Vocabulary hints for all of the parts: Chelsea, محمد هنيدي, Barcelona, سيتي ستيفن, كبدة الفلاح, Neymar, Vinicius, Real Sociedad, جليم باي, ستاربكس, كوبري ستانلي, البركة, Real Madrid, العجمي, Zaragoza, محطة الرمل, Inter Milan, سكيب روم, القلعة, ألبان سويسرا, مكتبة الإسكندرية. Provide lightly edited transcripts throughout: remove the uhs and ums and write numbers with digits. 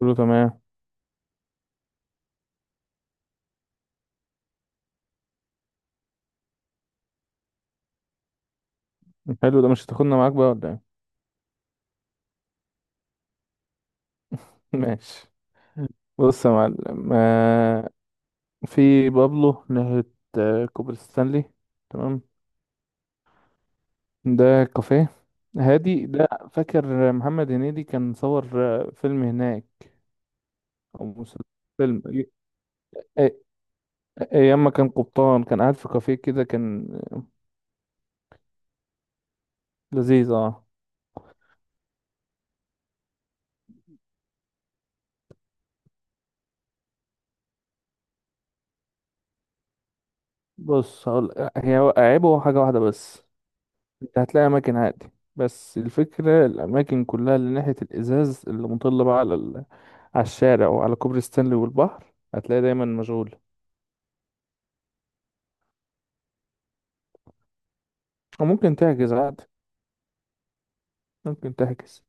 كله تمام. حلو، ده مش هتاخدنا معاك بقى ولا ايه؟ ماشي. بص يا معلم، في بابلو ناحية. كوبري ستانلي. تمام. ده كافيه. هادي ده، فاكر محمد هنيدي كان صور فيلم هناك، او مسلسل. فيلم أي- ايام ما كان قبطان، كان قاعد في كافيه كده، كان لذيذ اه. بص، هقول هي عيبه حاجة واحدة بس. هتلاقي أماكن عادي، بس الفكرة الأماكن كلها اللي ناحية الإزاز اللي مطلة بقى على على الشارع وعلى كوبري ستانلي والبحر، هتلاقي دايما مشغولة. وممكن تحجز عادي، ممكن تحجز.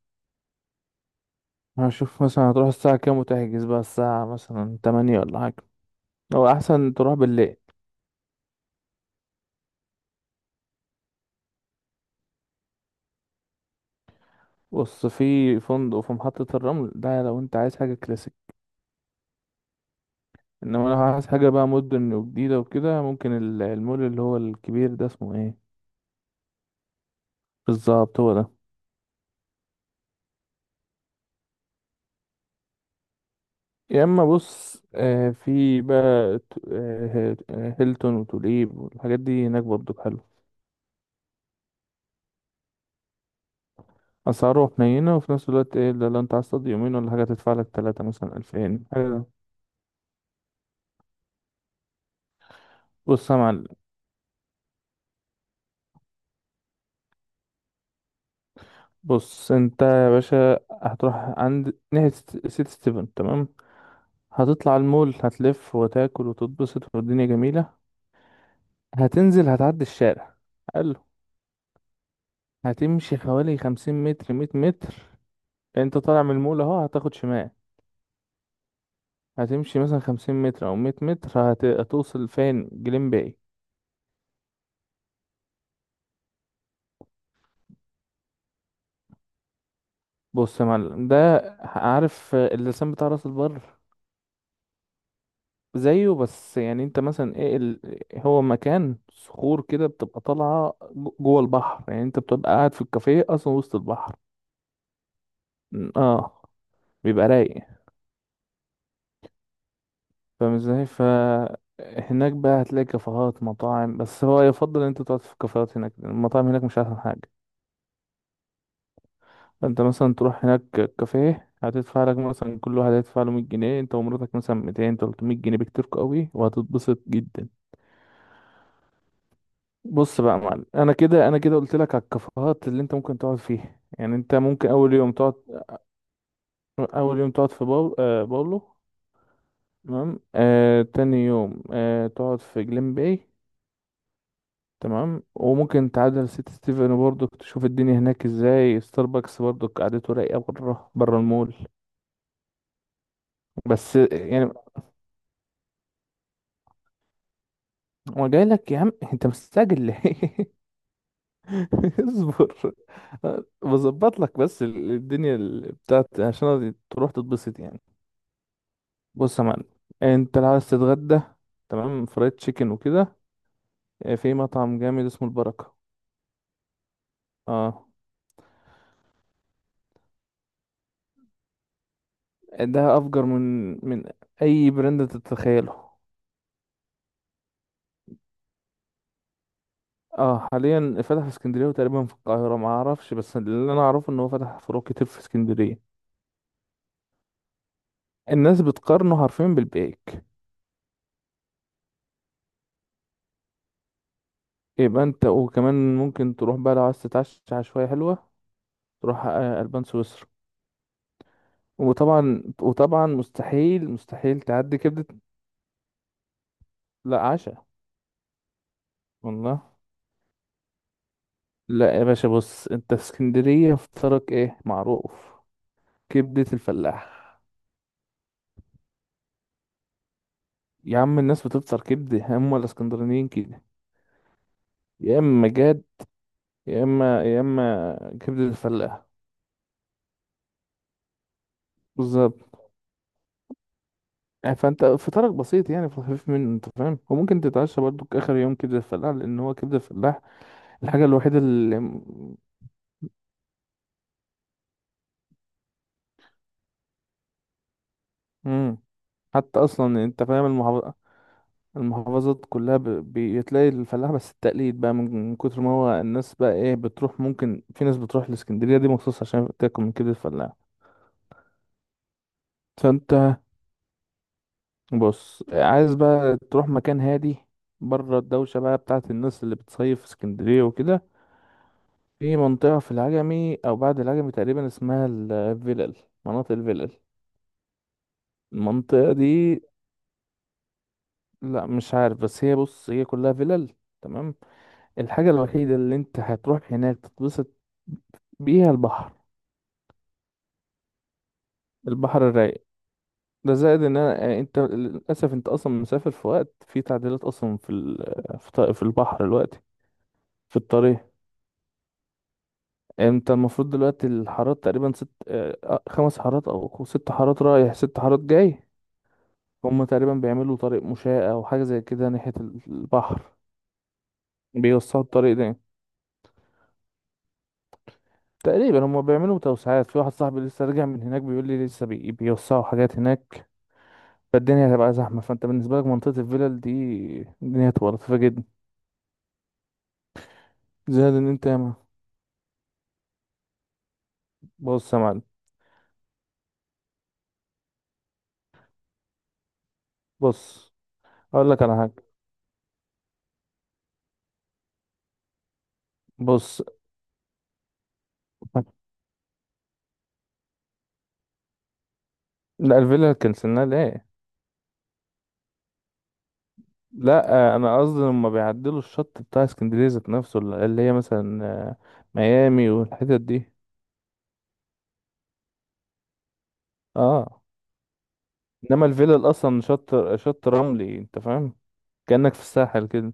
هشوف مثلا هتروح الساعة كام، وتحجز بقى الساعة مثلا 8 ولا حاجة. هو أحسن تروح بالليل. بص، في فندق في محطة الرمل، ده لو أنت عايز حاجة كلاسيك. إنما لو عايز حاجة بقى مدن وجديدة وكده، ممكن المول اللي هو الكبير ده، اسمه إيه؟ بالظبط هو ده. يا اما بص، في بقى هيلتون وتوليب والحاجات دي هناك برضو حلو. اسعاره حنينه، وفي نفس الوقت ايه، ده لو انت عايز تقضي يومين ولا حاجه تدفع لك تلاتة مثلا 2000 حلو. بص يا معلم. بص انت يا باشا، هتروح عند ناحيه سيتي ستيفن تمام. هتطلع على المول، هتلف وتاكل وتتبسط والدنيا جميله. هتنزل، هتعدي الشارع حلو. هتمشي حوالي 50 متر، 100 متر. انت طالع من المول اهو، هتاخد شمال. هتمشي مثلا 50 متر أو 100 متر، هتوصل فين؟ جليم باي. بص يا معلم، ده عارف اللسان بتاع راس البر؟ زيه، بس يعني انت مثلا ايه هو مكان صخور كده، بتبقى طالعة جوه البحر. يعني انت بتبقى قاعد في الكافيه أصلا وسط البحر. اه، بيبقى رايق. فاهم ازاي؟ ف هناك بقى هتلاقي كافيهات مطاعم، بس هو يفضل ان انت تقعد في الكافيهات، هناك المطاعم هناك مش احسن حاجة. انت مثلا تروح هناك كافيه، هتدفع لك مثلا كل واحد هيدفع له 100 جنيه، انت ومراتك مثلا 200 300 جنيه بكتير قوي، وهتتبسط جدا. بص بقى يا معلم، انا كده قلت لك على الكافيهات اللي انت ممكن تقعد فيها. يعني انت ممكن اول يوم تقعد في باولو تمام. تاني يوم تقعد في جليم باي تمام. وممكن تعدل سيتي ستيفن برضو، تشوف الدنيا هناك ازاي. ستاربكس برضو قعدته رايقه، بره بره المول. بس يعني، هو جاي لك يا عم، انت مستعجل ليه؟ اصبر. بظبط لك، بس الدنيا بتاعت، عشان تروح تتبسط يعني. بص يا معلم، انت لو عايز تتغدى تمام، فرايد تشيكن وكده، اه، في مطعم جامد اسمه البركة. اه، ده افجر من اي براند تتخيله. اه حاليا فتح في اسكندريه، وتقريبا في القاهره ما اعرفش، بس اللي انا اعرفه ان هو فتح فروع كتير في اسكندريه. الناس بتقارنه حرفيا بالبيك. يبقى انت، وكمان ممكن تروح بقى لو عايز تتعشى عشوائية حلوة، تروح ألبان سويسرا. وطبعا مستحيل تعدي كبدة. لا، عشاء. والله. لا يا باشا، بص، انت في اسكندرية فطرك ايه معروف؟ كبدة الفلاح. يا عم، الناس بتفطر كبدة، هم الاسكندرانيين كده. يا اما جاد، يا اما كبدة الفلاح. بالظبط. يعني فانت فطارك بسيط، يعني في الخفيف منه انت فاهم. وممكن تتعشى برضو اخر يوم كبدة الفلاح، لان هو كبدة الفلاح الحاجة الوحيدة اللي... مم. حتى أصلا أنت فاهم المحافظات كلها بتلاقي الفلاح بس. التقليد بقى، من كتر ما هو الناس بقى إيه بتروح، ممكن في ناس بتروح الإسكندرية دي مخصوص عشان تاكل من كبدة الفلاح. فأنت، بص، عايز بقى تروح مكان هادي، بره الدوشة بقى بتاعت الناس اللي بتصيف في اسكندرية وكده، في منطقة في العجمي أو بعد العجمي تقريبا، اسمها الفلل. مناطق الفلل، المنطقة دي. لا مش عارف، بس هي، بص، هي كلها فلل تمام. الحاجة الوحيدة اللي انت هتروح هناك تتبسط بيها البحر، البحر الرايق. ده زائد ان انا يعني، انت للاسف انت اصلا مسافر في وقت في تعديلات، اصلا في البحر دلوقتي، في الطريق. انت المفروض دلوقتي الحارات تقريبا ست، خمس حارات او ست حارات رايح، ست حارات جاي. هما تقريبا بيعملوا طريق مشاة او حاجة زي كده ناحية البحر. بيوسعوا الطريق ده. تقريبا هما بيعملوا توسعات. في واحد صاحبي لسه راجع من هناك، بيقول لي لسه بيوسعوا حاجات هناك. فالدنيا هتبقى زحمة، فانت بالنسبة لك منطقة الفلل دي، الدنيا هتبقى لطيفة جدا. زائد ان انت ياما. بص يا معلم، بص اقول لك على حاجة، بص. لا، الفلل كنسلناها ليه؟ لا انا قصدي لما بيعدلوا الشط بتاع اسكندرية ذات نفسه، اللي هي مثلا ميامي والحتت دي. اه، انما الفلل اصلا شط رملي انت فاهم، كأنك في الساحل كده.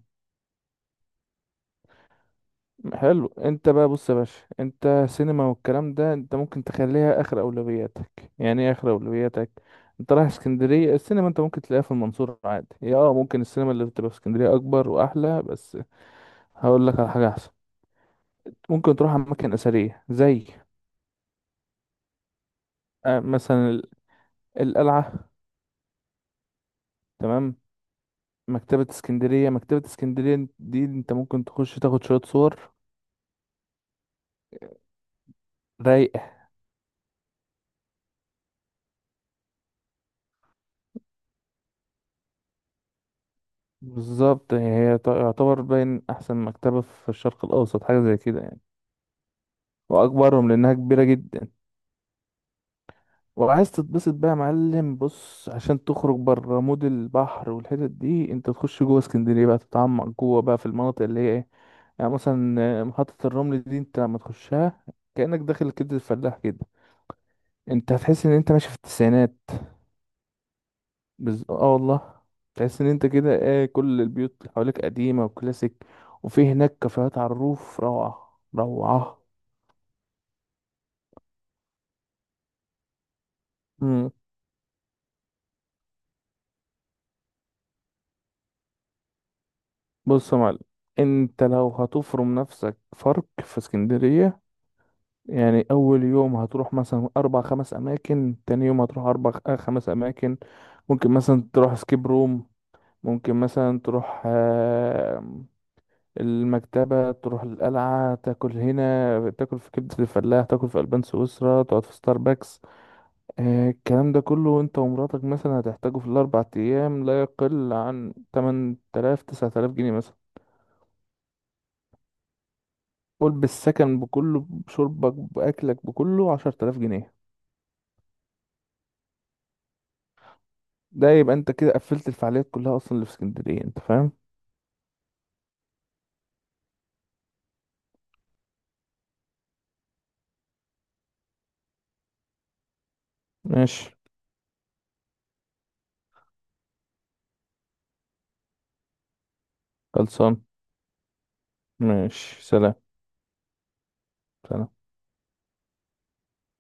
حلو، انت بقى بص يا باشا، انت سينما والكلام ده انت ممكن تخليها اخر اولوياتك. يعني ايه اخر اولوياتك؟ انت رايح اسكندريه، السينما انت ممكن تلاقيها في المنصوره عادي هي. اه، ممكن السينما اللي بتبقى في اسكندريه اكبر واحلى، بس هقول لك على حاجه احسن. ممكن تروح اماكن اثريه زي مثلا القلعه تمام. مكتبه اسكندريه، مكتبه اسكندريه دي انت ممكن تخش تاخد شويه صور رايقه. بالظبط، هي تعتبر باين احسن مكتبه في الشرق الاوسط، حاجه زي كده يعني. واكبرهم لانها كبيره جدا. وعايز تتبسط بقى يا معلم، بص عشان تخرج بره مود البحر والحتت دي، انت تخش جوه اسكندريه بقى، تتعمق جوه بقى في المناطق اللي هي ايه. يعني مثلا محطه الرمل دي انت لما تخشها، كانك داخل كبد الفلاح كده. انت هتحس ان انت ماشي في التسعينات. اه والله. تحس ان انت كده ايه، كل البيوت اللي حواليك قديمه وكلاسيك. وفي هناك كافيهات على الروف، روعه روعه. بص يا معلم، انت لو هتفرم نفسك فرق في اسكندرية، يعني اول يوم هتروح مثلا اربع خمس اماكن، تاني يوم هتروح اربع خمس اماكن. ممكن مثلا تروح سكيب روم. ممكن مثلا تروح المكتبة، تروح القلعة، تاكل هنا، تاكل في كبدة الفلاح، تاكل في ألبان سويسرا، تقعد في ستاربكس. الكلام ده كله انت ومراتك مثلا هتحتاجه في الاربع ايام، لا يقل عن 8000 9000 جنيه مثلا. قول بالسكن بكله، بشربك، بأكلك، بكله 10,000 جنيه. ده يبقى انت كده قفلت الفعاليات كلها أصلا اللي في اسكندرية، انت فاهم. ماشي. خلصان. ماشي، سلام. سلام.